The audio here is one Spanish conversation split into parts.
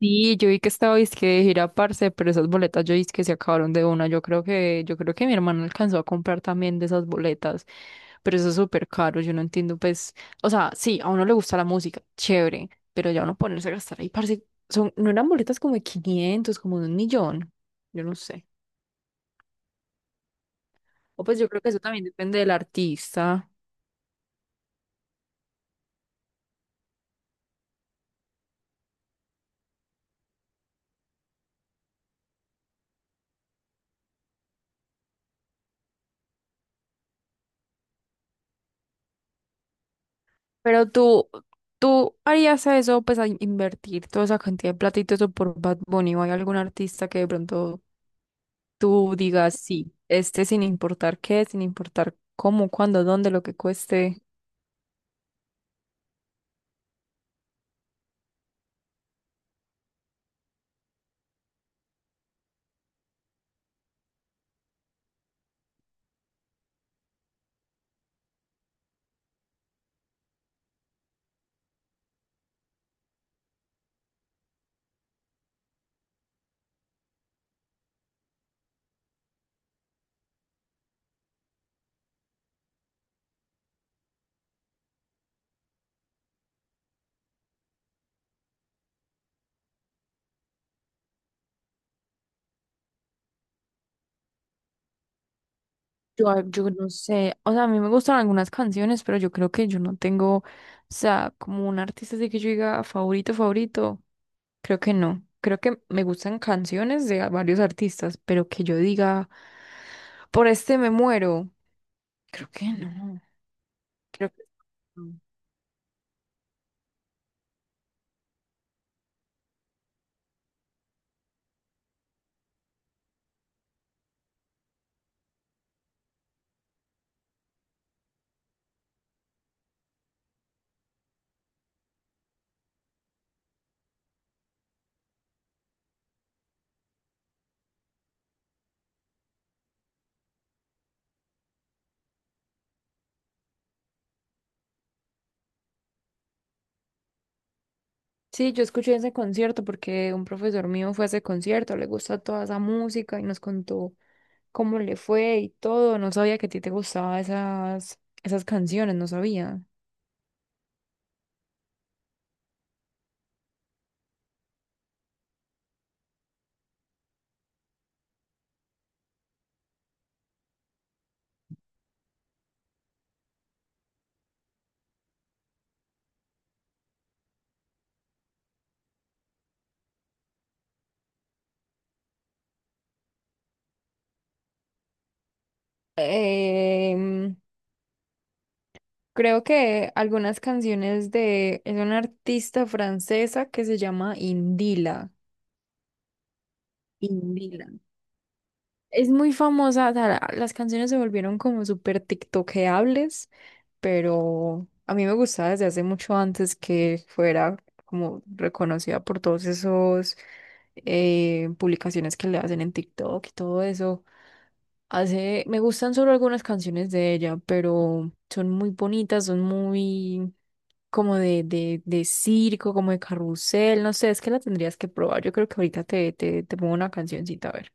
Sí, yo vi que estaba dizque de gira, parce, pero esas boletas yo dizque se acabaron de una. Yo creo que mi hermano alcanzó a comprar también de esas boletas, pero eso es súper caro. Yo no entiendo, pues, o sea, sí, a uno le gusta la música, chévere, pero ya uno ponerse a gastar ahí, parce, son, no eran boletas como de 500, como de 1.000.000, yo no sé. O pues yo creo que eso también depende del artista. Pero tú harías eso, pues, a invertir toda esa cantidad de platitos por Bad Bunny o hay algún artista que de pronto tú digas sí, este sin importar qué, sin importar cómo, cuándo, dónde, lo que cueste. Yo no sé, o sea, a mí me gustan algunas canciones, pero yo creo que yo no tengo, o sea, como un artista así que yo diga favorito, favorito, creo que no. Creo que me gustan canciones de varios artistas, pero que yo diga, por este me muero, creo que no. Creo que no. Sí, yo escuché ese concierto porque un profesor mío fue a ese concierto, le gusta toda esa música y nos contó cómo le fue y todo. No sabía que a ti te gustaban esas canciones, no sabía. Em, Creo que algunas canciones de... Es una artista francesa que se llama Indila. Indila. Es muy famosa, o sea, las canciones se volvieron como súper tiktokeables, pero a mí me gustaba desde hace mucho antes que fuera como reconocida por todos esos publicaciones que le hacen en TikTok y todo eso. Hace, me gustan solo algunas canciones de ella, pero son muy bonitas, son muy como de circo, como de carrusel, no sé, es que la tendrías que probar. Yo creo que ahorita te pongo una cancioncita a ver.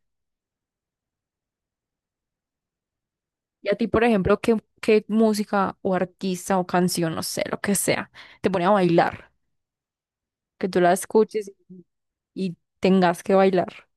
Y a ti, por ejemplo, ¿qué música o artista o canción, no sé, lo que sea, te pone a bailar? Que tú la escuches y tengas que bailar.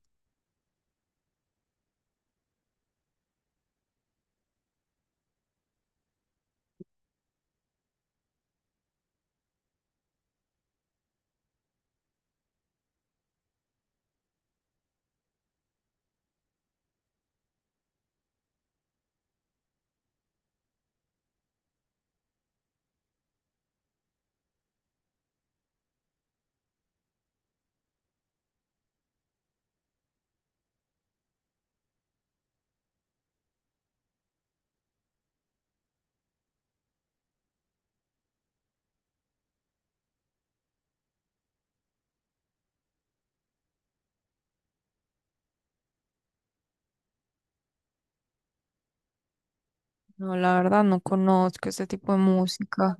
No, la verdad, no conozco ese tipo de música.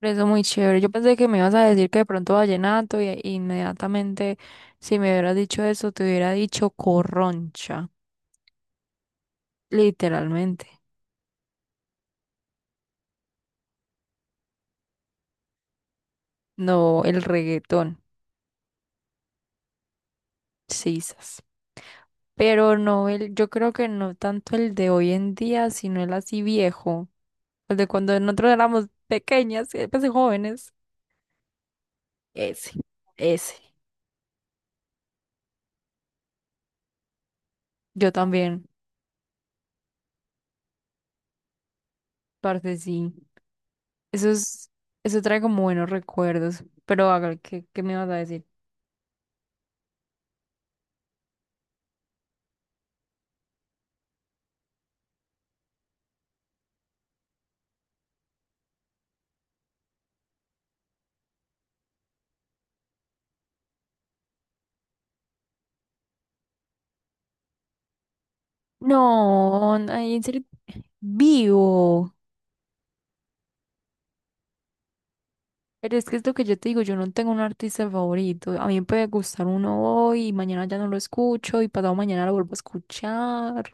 Eso muy chévere. Yo pensé que me ibas a decir que de pronto vallenato y inmediatamente si me hubieras dicho eso, te hubiera dicho corroncha, literalmente. No, el reggaetón, sisas. Pero no el, yo creo que no tanto el de hoy en día, sino el así viejo, el de cuando nosotros éramos pequeñas, pues jóvenes. Ese, ese. Yo también, parte sí. Eso es, eso trae como buenos recuerdos. Pero haga, ¿qué me vas a decir? No, ahí en serio, vivo. Pero es que es lo que yo te digo, yo no tengo un artista favorito. A mí me puede gustar uno hoy y mañana ya no lo escucho y pasado mañana lo vuelvo a escuchar.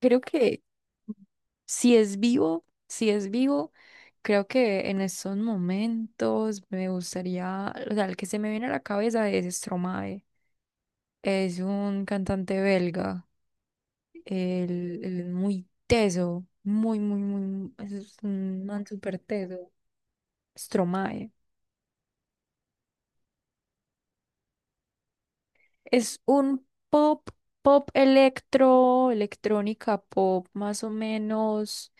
Creo que si es vivo, creo que en estos momentos me gustaría, o sea, el que se me viene a la cabeza es Stromae. Es un cantante belga. Él es muy teso, muy, es un man súper teso. Stromae. Es un pop, pop electro, electrónica pop más o menos.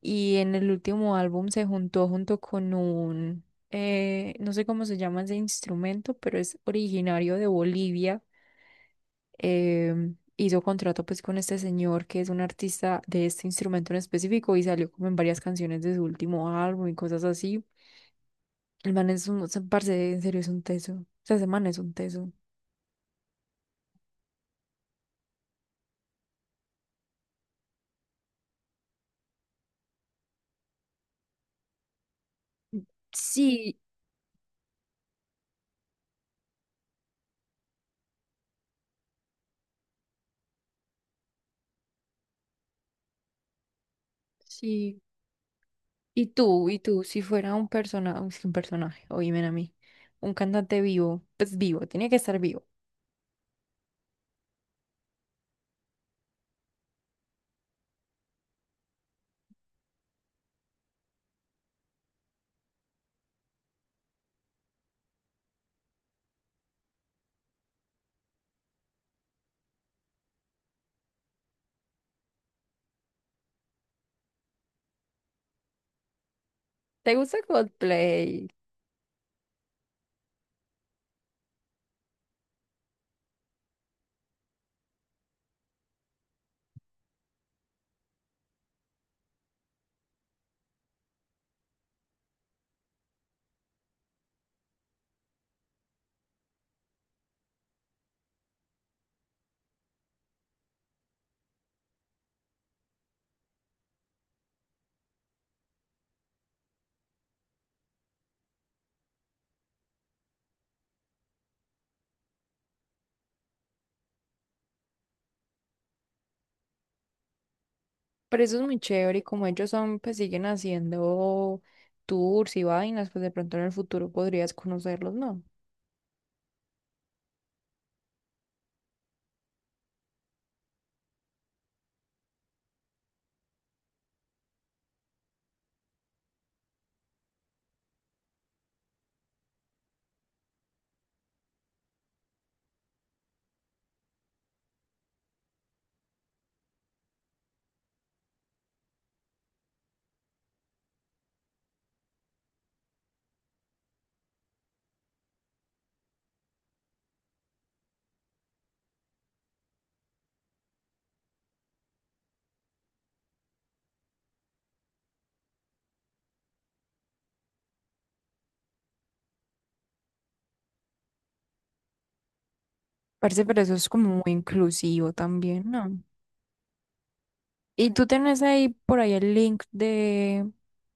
Y en el último álbum se juntó junto con un, no sé cómo se llama ese instrumento, pero es originario de Bolivia. Hizo contrato pues con este señor que es un artista de este instrumento en específico y salió como en varias canciones de su último álbum y cosas así. El man es un, o sea, parce, en serio es un teso. O sea, ese man es un teso. Sí, sí. ¿Y tú? ¿Y tú? Si fuera un persona, es que un personaje, oíme a mí, un cantante vivo, pues vivo, tiene que estar vivo. ¿Te gusta Coldplay? Pero eso es muy chévere y como ellos son, pues siguen haciendo tours y vainas, pues de pronto en el futuro podrías conocerlos, ¿no? Parece, pero eso es como muy inclusivo también, ¿no? Y tú tenés ahí por ahí el link de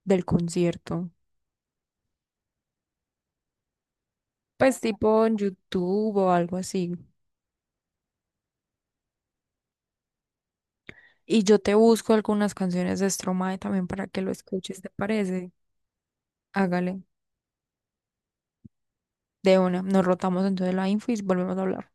del concierto, pues tipo en YouTube o algo así. Y yo te busco algunas canciones de Stromae también para que lo escuches, ¿te parece? Hágale, de una. Nos rotamos entonces la info y volvemos a hablar.